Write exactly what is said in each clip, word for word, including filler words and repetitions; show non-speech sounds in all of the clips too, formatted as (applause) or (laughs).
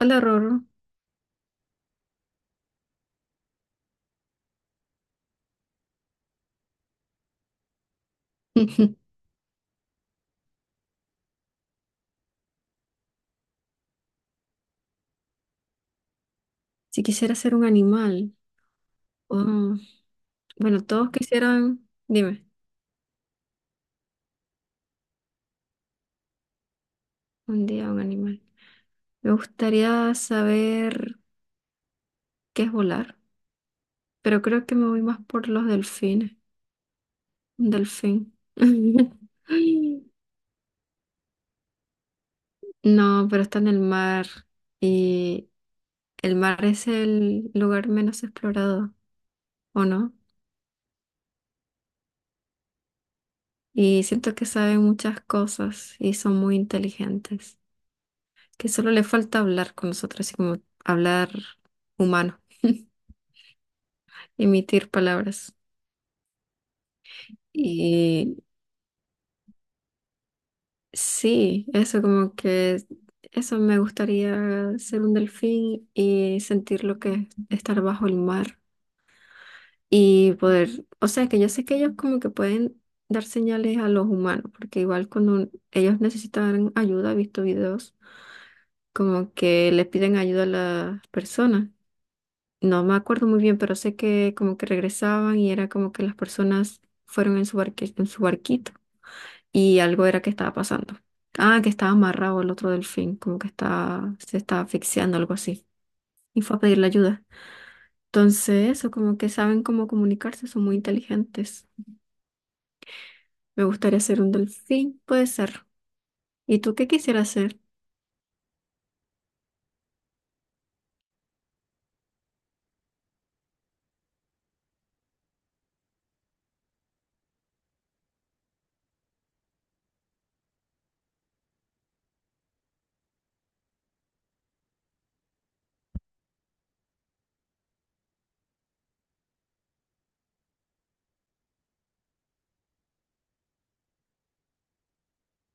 Hola, Roro. (laughs) Si quisiera ser un animal, oh, bueno, todos quisieran, dime, un día un animal. Me gustaría saber qué es volar, pero creo que me voy más por los delfines. Un delfín. (laughs) No, pero está en el mar y el mar es el lugar menos explorado, ¿o no? Y siento que saben muchas cosas y son muy inteligentes, que solo le falta hablar con nosotros, así como hablar humano. Emitir palabras. Y sí, eso como que, eso me gustaría ser un delfín y sentir lo que es estar bajo el mar y poder, o sea, que yo sé que ellos como que pueden dar señales a los humanos, porque igual cuando ellos necesitan ayuda, he visto videos, como que les piden ayuda a las personas. No me acuerdo muy bien, pero sé que como que regresaban y era como que las personas fueron en su barque- en su barquito. Y algo era que estaba pasando. Ah, que estaba amarrado el otro delfín, como que estaba, se estaba asfixiando, algo así. Y fue a pedirle ayuda. Entonces, eso, como que saben cómo comunicarse, son muy inteligentes. Me gustaría ser un delfín, puede ser. ¿Y tú qué quisieras ser?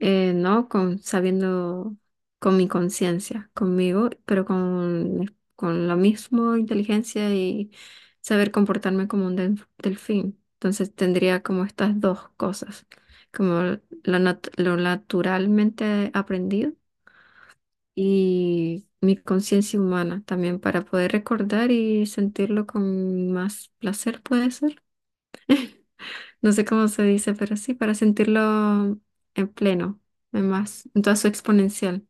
Eh, no, con, sabiendo con mi conciencia, conmigo, pero con, con la misma inteligencia y saber comportarme como un delf- delfín. Entonces tendría como estas dos cosas, como lo, nat- lo naturalmente aprendido y mi conciencia humana también para poder recordar y sentirlo con más placer, puede ser. No sé cómo se dice, pero sí, para sentirlo en pleno, en más, en toda su exponencial.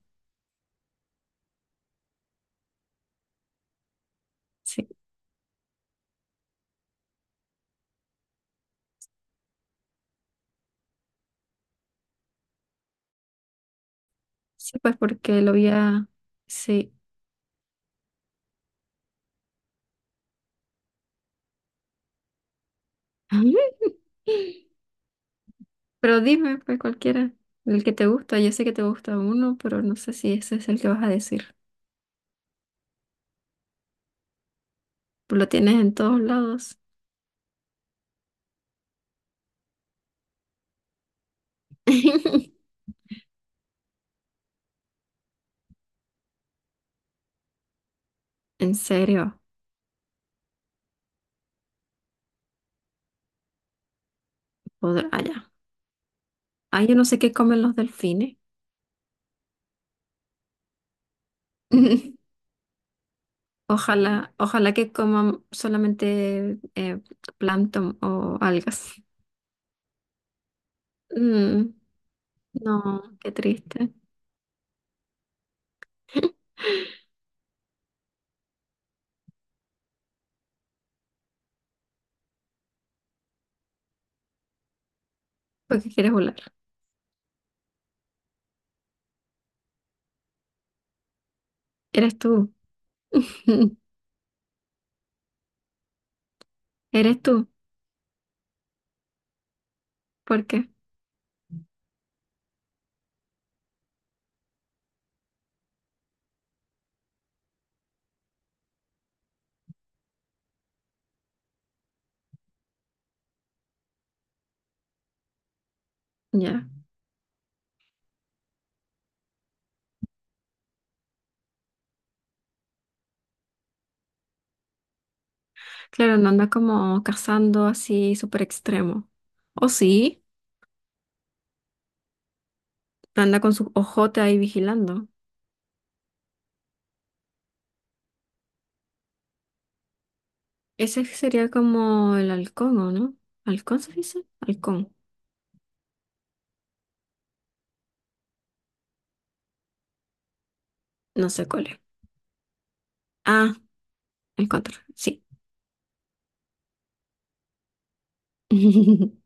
Sí, sí, pues porque lo había, sí. (laughs) Pero dime, pues cualquiera, el que te gusta. Yo sé que te gusta uno, pero no sé si ese es el que vas a decir. Pues lo tienes en todos lados. (laughs) En serio, podrá, ah, ya. Ay, yo no sé qué comen los delfines. (laughs) Ojalá, ojalá que coman solamente eh, plancton o algas. Mm, no, qué triste. (laughs) ¿Porque quieres volar? Eres tú. (laughs) Eres tú. ¿Por qué? Ya. Claro, no anda como cazando así súper extremo. O sí, anda con su ojote ahí vigilando. Ese sería como el halcón, ¿o no? ¿Halcón se dice? Halcón. No sé cuál es. Ah, el cóndor, sí. (laughs)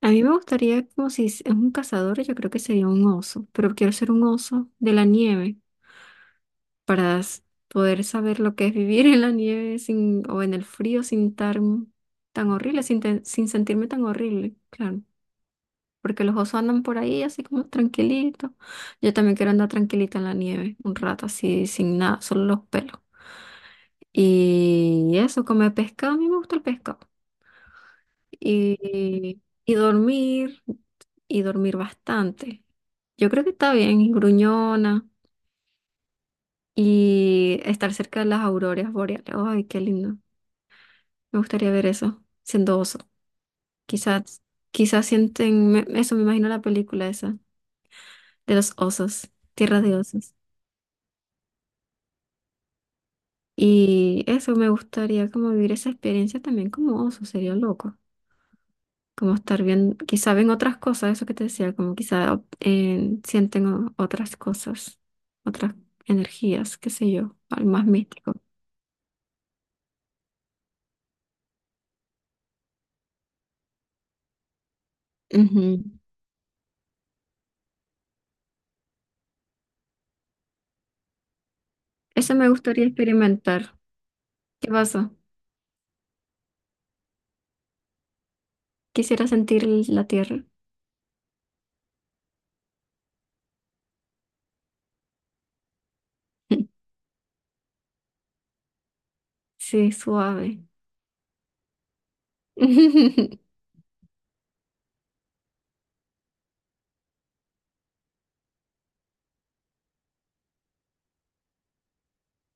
A mí me gustaría, como si es es un cazador, yo creo que sería un oso, pero quiero ser un oso de la nieve para s- poder saber lo que es vivir en la nieve sin, o en el frío sin estar tan horrible, sin, te- sin sentirme tan horrible, claro. Porque los osos andan por ahí así como tranquilitos. Yo también quiero andar tranquilita en la nieve, un rato así, sin nada, solo los pelos. Y eso, comer pescado, a mí me gusta el pescado. Y, y dormir, y dormir bastante. Yo creo que está bien, y gruñona, y estar cerca de las auroras boreales. Ay, qué lindo. Me gustaría ver eso, siendo oso. Quizás, quizás sienten, me- eso me imagino la película esa, de los osos, Tierra de Osos. Y eso me gustaría como vivir esa experiencia también como oso, sería loco. Como estar bien, quizá ven otras cosas, eso que te decía, como quizá op- en- sienten o- otras cosas, otras energías, qué sé yo, algo más místico. Ujú. Eso me gustaría experimentar. ¿Qué pasa? Quisiera sentir el- la tierra. (laughs) Sí, suave. (laughs)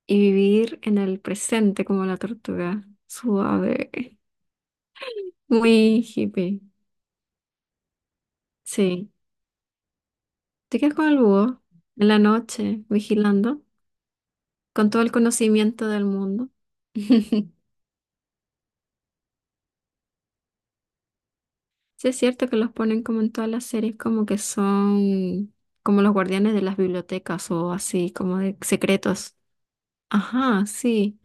Y vivir en el presente como la tortuga. Suave. Muy hippie. Sí. Te quedas con el búho en la noche, vigilando, con todo el conocimiento del mundo. (laughs) Sí, es cierto que los ponen como en todas las series, como que son como los guardianes de las bibliotecas o así, como de secretos. Ajá, sí,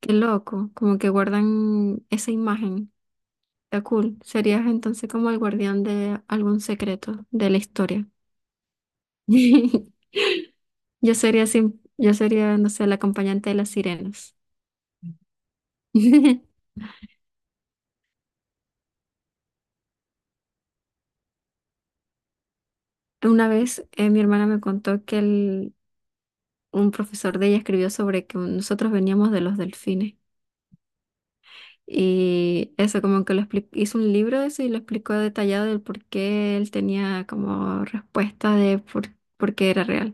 qué loco, como que guardan esa imagen. Está cool. Serías entonces como el guardián de algún secreto de la historia. (laughs) Yo sería, sim- yo sería, no sé, la acompañante de las sirenas. (laughs) Una vez eh, mi hermana me contó que el- un profesor de ella escribió sobre que nosotros veníamos de los delfines. Y eso como que lo expli- hizo un libro de eso y lo explicó detallado del por qué él tenía como respuesta de por, por qué era real.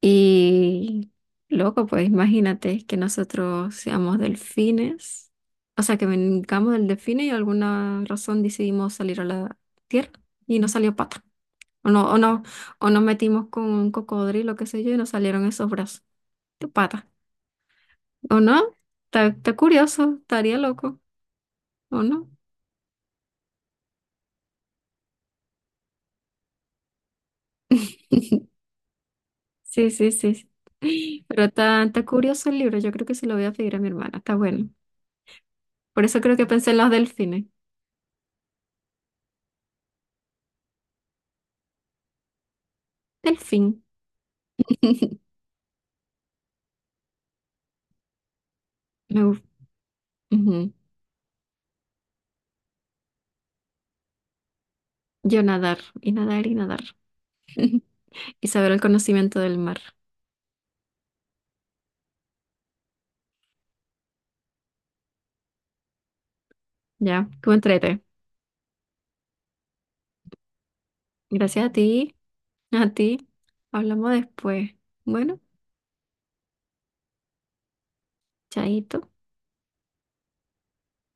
Y loco, pues imagínate que nosotros seamos delfines, o sea, que vengamos del delfine y alguna razón decidimos salir a la tierra y no salió pato. O no, o no, o nos metimos con un cocodrilo, qué sé yo, y nos salieron esos brazos, de pata. ¿O no? Está, está curioso, estaría loco, ¿o no? (laughs) Sí, sí, sí, sí. Pero está, está curioso el libro, yo creo que se lo voy a pedir a mi hermana, está bueno. Por eso creo que pensé en los delfines. Delfín. (laughs) Me gusta. Yo nadar, y nadar, y nadar. (laughs) Y saber el conocimiento del mar. Ya, tú entrete. Gracias a ti, a ti. Hablamos después. Bueno, chaito.